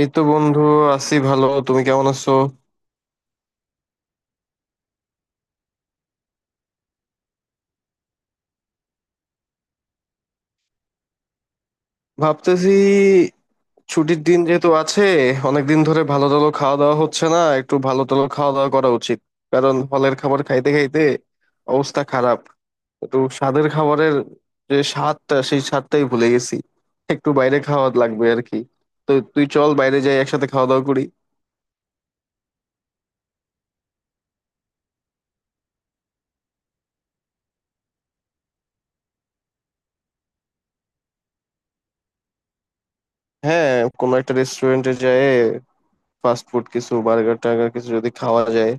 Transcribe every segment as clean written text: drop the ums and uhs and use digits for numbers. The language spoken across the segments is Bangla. এই তো বন্ধু, আছি ভালো। তুমি কেমন আছো? ভাবতেছি, ছুটির দিন যেহেতু আছে, অনেকদিন ধরে ভালো টালো খাওয়া দাওয়া হচ্ছে না, একটু ভালো টালো খাওয়া দাওয়া করা উচিত। কারণ হলের খাবার খাইতে খাইতে অবস্থা খারাপ। একটু স্বাদের খাবারের যে স্বাদটা, সেই স্বাদটাই ভুলে গেছি। একটু বাইরে খাওয়া লাগবে আর কি। তো তুই চল, বাইরে যাই, একসাথে খাওয়া দাওয়া করি। হ্যাঁ, কোনো একটা রেস্টুরেন্টে যাই, ফাস্ট ফুড কিছু, বার্গার টার্গার কিছু যদি খাওয়া যায়।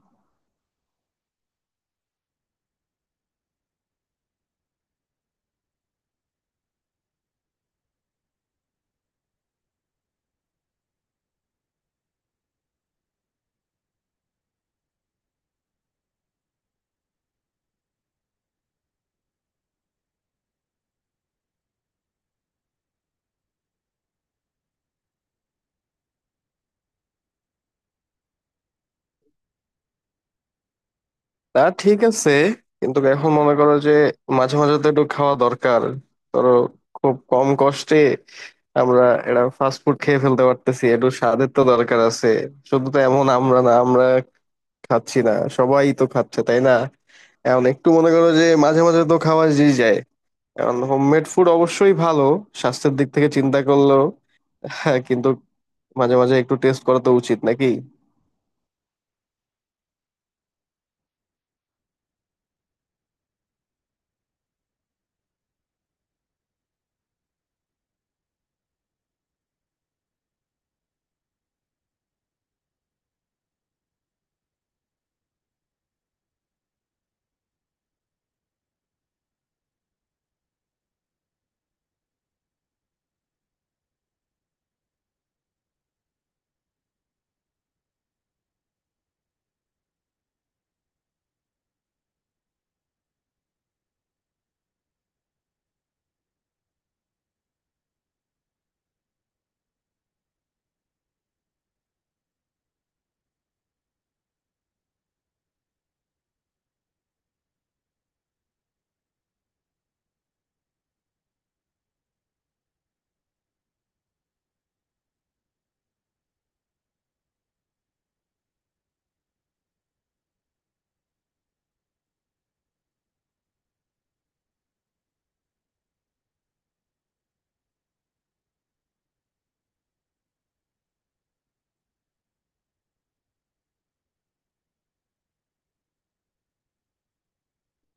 তা ঠিক আছে, কিন্তু এখন মনে করো যে মাঝে মাঝে তো একটু খাওয়া দরকার। ধরো, খুব কম কষ্টে আমরা এটা ফাস্ট ফুড খেয়ে ফেলতে পারতেছি, একটু স্বাদের তো দরকার আছে। শুধু তো এমন আমরা না, আমরা খাচ্ছি না সবাই তো খাচ্ছে, তাই না? এখন একটু মনে করো যে মাঝে মাঝে তো খাওয়া যেই যায়। এখন হোমমেড ফুড অবশ্যই ভালো, স্বাস্থ্যের দিক থেকে চিন্তা করলেও, হ্যাঁ, কিন্তু মাঝে মাঝে একটু টেস্ট করা তো উচিত, নাকি?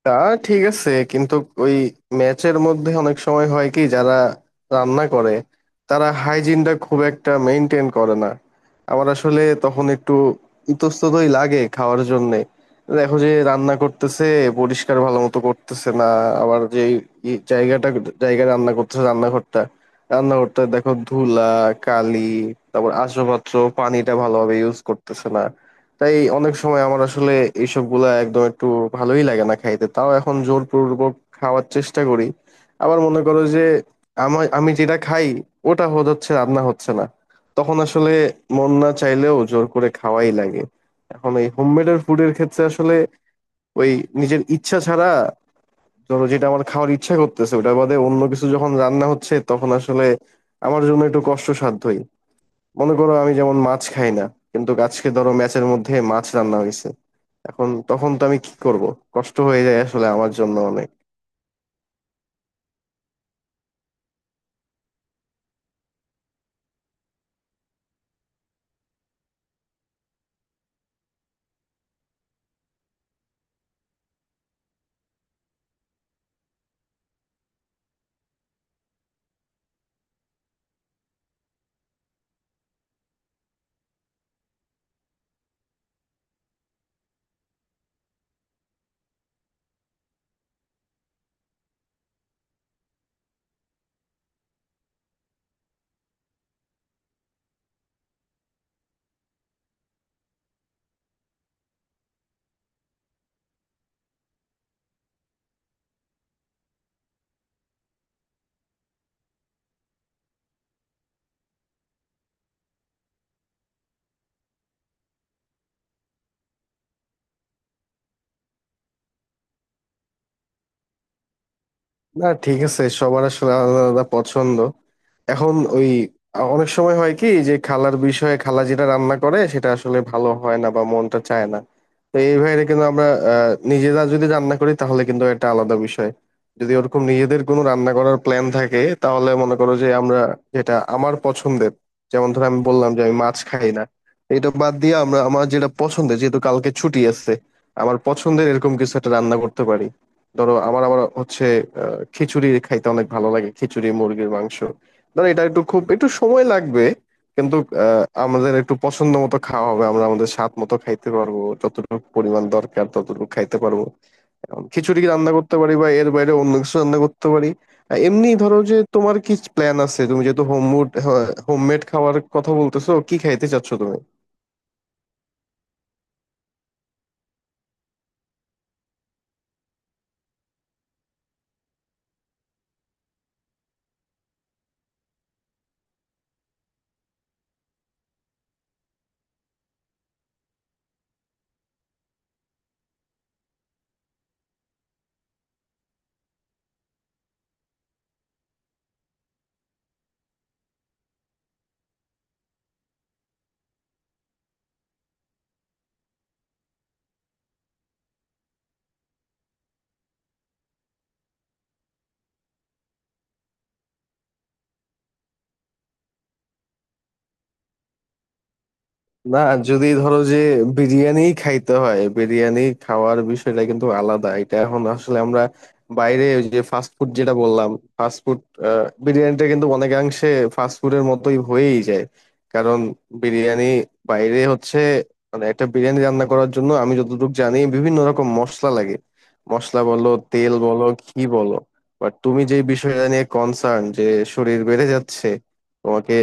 তা ঠিক আছে, কিন্তু ওই ম্যাচের মধ্যে অনেক সময় হয় কি, যারা রান্না করে, তারা হাইজিনটা খুব একটা মেনটেন করে না। আমার আসলে তখন একটু ইতস্ততই লাগে খাওয়ার জন্যে। দেখো যে রান্না করতেছে পরিষ্কার ভালো মতো করতেছে না। আবার যে জায়গাটা, জায়গায় রান্না করতেছে, রান্নাঘরটা রান্নাঘরটা দেখো ধুলা, কালি, তারপর আসবাবপত্র, পানিটা ভালোভাবে ইউজ করতেছে না। তাই অনেক সময় আমার আসলে এইসব গুলা একদম একটু ভালোই লাগে না খাইতে। তাও এখন জোরপূর্বক খাওয়ার চেষ্টা করি। আবার মনে করো যে আমার, আমি যেটা খাই ওটা হচ্ছে রান্না হচ্ছে না, তখন আসলে মন না চাইলেও জোর করে খাওয়াই লাগে। এখন এই হোমমেডের ফুডের ক্ষেত্রে আসলে ওই নিজের ইচ্ছা ছাড়া, ধরো, যেটা আমার খাওয়ার ইচ্ছা করতেছে ওটা বাদে অন্য কিছু যখন রান্না হচ্ছে, তখন আসলে আমার জন্য একটু কষ্টসাধ্যই। মনে করো, আমি যেমন মাছ খাই না, কিন্তু আজকে ধরো ম্যাচের মধ্যে মাছ রান্না হয়েছে, এখন তখন তো আমি কি করব? কষ্ট হয়ে যায় আসলে আমার জন্য অনেক। না, ঠিক আছে, সবার আসলে আলাদা আলাদা পছন্দ। এখন ওই অনেক সময় হয় কি যে খালার বিষয়ে, খালা যেটা রান্না করে সেটা আসলে ভালো হয় না বা মনটা চায় না। তো এই ভাইরে কিন্তু আমরা, আহ, নিজেরা যদি রান্না করি তাহলে কিন্তু এটা আলাদা বিষয়। যদি ওরকম নিজেদের কোনো রান্না করার প্ল্যান থাকে, তাহলে মনে করো যে আমরা, যেটা আমার পছন্দের, যেমন ধর আমি বললাম যে আমি মাছ খাই না, এটা বাদ দিয়ে আমরা আমার যেটা পছন্দের, যেহেতু কালকে ছুটি আছে, আমার পছন্দের এরকম কিছু একটা রান্না করতে পারি। ধরো, আমার আবার হচ্ছে খিচুড়ি খাইতে অনেক ভালো লাগে, খিচুড়ি মুরগির মাংস। ধরো এটা একটু, খুব একটু সময় লাগবে, কিন্তু আহ, আমাদের একটু পছন্দ মতো খাওয়া হবে, আমরা আমাদের স্বাদ মতো খাইতে পারবো, যতটুকু পরিমাণ দরকার ততটুকু খাইতে পারবো। এখন খিচুড়ি রান্না করতে পারি বা এর বাইরে অন্য কিছু রান্না করতে পারি। আহ, এমনি ধরো যে তোমার কি প্ল্যান আছে? তুমি যেহেতু হোমমেড হোমমেড খাওয়ার কথা বলতেছো, কি খাইতে চাচ্ছো তুমি? না, যদি ধরো যে বিরিয়ানি খাইতে হয়, বিরিয়ানি খাওয়ার বিষয়টা কিন্তু আলাদা। এটা এখন আসলে আমরা বাইরে, ওই যে ফাস্ট ফুড যেটা বললাম, ফাস্ট ফুড, বিরিয়ানিটা কিন্তু অনেকাংশে ফাস্ট ফুডের মতোই হয়েই যায়। কারণ বিরিয়ানি বাইরে হচ্ছে, মানে একটা বিরিয়ানি রান্না করার জন্য আমি যতটুকু জানি বিভিন্ন রকম মশলা লাগে, মশলা বলো, তেল বলো, ঘি বলো। বাট তুমি যে বিষয়টা নিয়ে কনসার্ন, যে শরীর বেড়ে যাচ্ছে, তোমাকে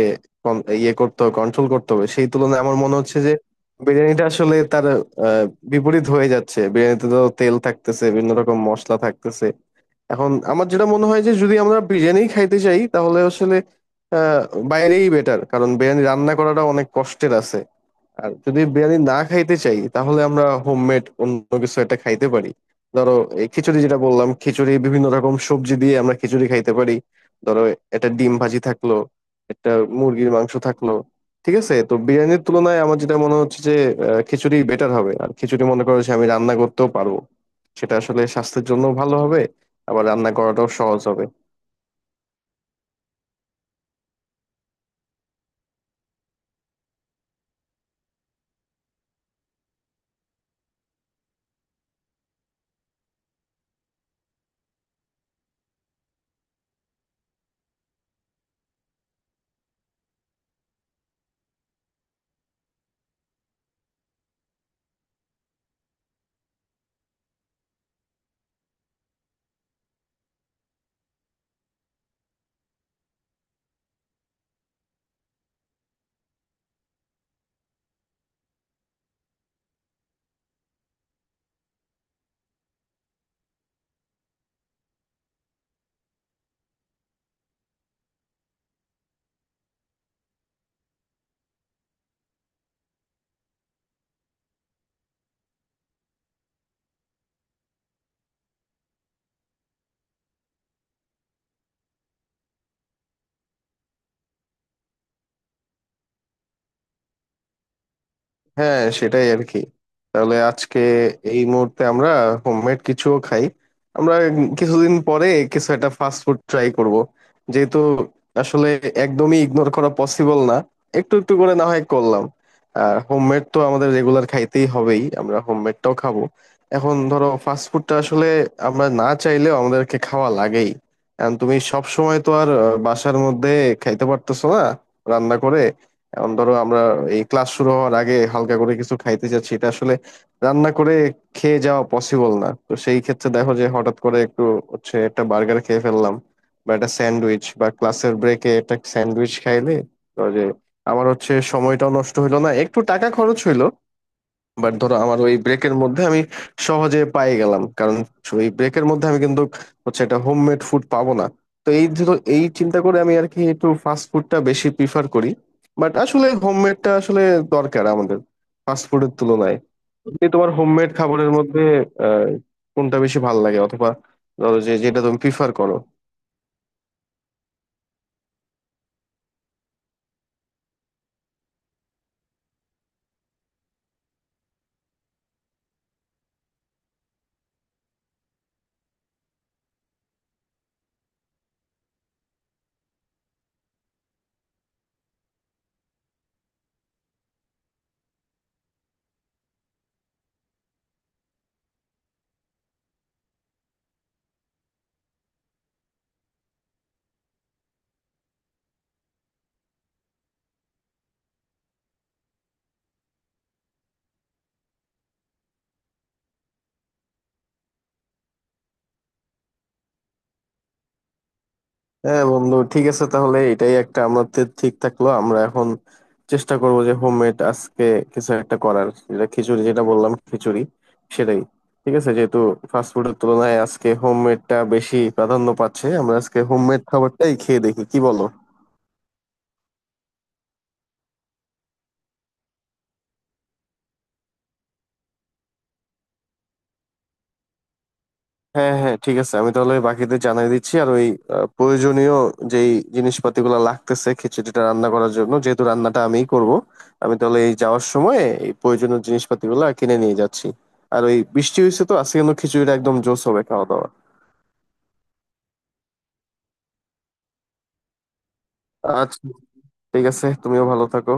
ইয়ে করতে হবে, কন্ট্রোল করতে হবে, সেই তুলনায় আমার মনে হচ্ছে যে বিরিয়ানিটা আসলে তার আহ, বিপরীত হয়ে যাচ্ছে। বিরিয়ানিতে তো তেল থাকতেছে, বিভিন্ন রকম মশলা থাকতেছে। এখন আমার যেটা মনে হয় যে যদি আমরা বিরিয়ানি খাইতে চাই তাহলে আসলে আহ বাইরেই বেটার, কারণ বিরিয়ানি রান্না করাটা অনেক কষ্টের আছে। আর যদি বিরিয়ানি না খাইতে চাই, তাহলে আমরা হোমমেড অন্য কিছু একটা খাইতে পারি। ধরো, এই খিচুড়ি যেটা বললাম, খিচুড়ি বিভিন্ন রকম সবজি দিয়ে আমরা খিচুড়ি খাইতে পারি। ধরো একটা ডিম ভাজি থাকলো, একটা মুরগির মাংস থাকলো, ঠিক আছে। তো বিরিয়ানির তুলনায় আমার যেটা মনে হচ্ছে যে আহ, খিচুড়ি বেটার হবে। আর খিচুড়ি মনে করো যে আমি রান্না করতেও পারবো, সেটা আসলে স্বাস্থ্যের জন্য ভালো হবে, আবার রান্না করাটাও সহজ হবে। হ্যাঁ, সেটাই আর কি। তাহলে আজকে এই মুহূর্তে আমরা হোমমেড কিছুও খাই, আমরা কিছুদিন পরে কিছু একটা ফাস্ট ফুড ট্রাই করব, যেহেতু আসলে একদমই ইগনোর করা পসিবল না, একটু একটু করে না হয় করলাম। আর হোমমেড তো আমাদের রেগুলার খাইতেই হবেই, আমরা হোমমেডটাও খাবো। এখন ধরো ফাস্ট ফুডটা আসলে আমরা না চাইলেও আমাদেরকে খাওয়া লাগেই, কারণ তুমি সব সময় তো আর আহ, বাসার মধ্যে খাইতে পারতেছো না রান্না করে। এখন ধরো আমরা এই ক্লাস শুরু হওয়ার আগে হালকা করে কিছু খাইতে যাচ্ছি, এটা আসলে রান্না করে খেয়ে যাওয়া পসিবল না। তো সেই ক্ষেত্রে দেখো যে হঠাৎ করে একটু হচ্ছে একটা বার্গার খেয়ে ফেললাম, বা একটা স্যান্ডউইচ, বা ক্লাসের ব্রেকে একটা স্যান্ডউইচ খাইলে, ধরো যে আমার হচ্ছে সময়টাও নষ্ট হইলো না, একটু টাকা খরচ হইলো। বাট ধরো আমার ওই ব্রেকের মধ্যে আমি সহজে পাই গেলাম, কারণ ওই ব্রেকের মধ্যে আমি কিন্তু হচ্ছে একটা হোমমেড ফুড পাবো না। তো এই ধরো এই চিন্তা করে আমি আর কি একটু ফাস্ট ফুডটা বেশি প্রিফার করি। বাট আসলে হোমমেডটা আসলে দরকার আমাদের, ফাস্ট ফুডের তুলনায়। যে তোমার হোমমেড খাবারের মধ্যে আহ, কোনটা বেশি ভালো লাগে, অথবা ধরো যে যেটা তুমি প্রিফার করো? হ্যাঁ বন্ধু, ঠিক আছে, তাহলে এটাই একটা আমাদের ঠিক থাকলো। আমরা এখন চেষ্টা করব যে হোমমেড আজকে কিছু একটা করার, যেটা খিচুড়ি যেটা বললাম, খিচুড়ি সেটাই, ঠিক আছে, যেহেতু ফাস্টফুডের তুলনায় আজকে হোমমেডটা বেশি প্রাধান্য পাচ্ছে, আমরা আজকে হোমমেড খাবারটাই খেয়ে দেখি, কি বলো? হ্যাঁ হ্যাঁ, ঠিক আছে, আমি তাহলে বাকিদের জানিয়ে দিচ্ছি। আর ওই আহ, প্রয়োজনীয় যেই জিনিসপাতিগুলো লাগতেছে খিচুড়িটা রান্না করার জন্য, যেহেতু রান্নাটা আমিই করব, আমি তাহলে এই যাওয়ার সময় এই প্রয়োজনীয় জিনিসপাতিগুলো কিনে নিয়ে যাচ্ছি। আর ওই বৃষ্টি হয়েছে তো আজকে, কিন্তু খিচুড়িটা একদম জোস হবে খাওয়া দাওয়া। আচ্ছা, ঠিক আছে, তুমিও ভালো থাকো।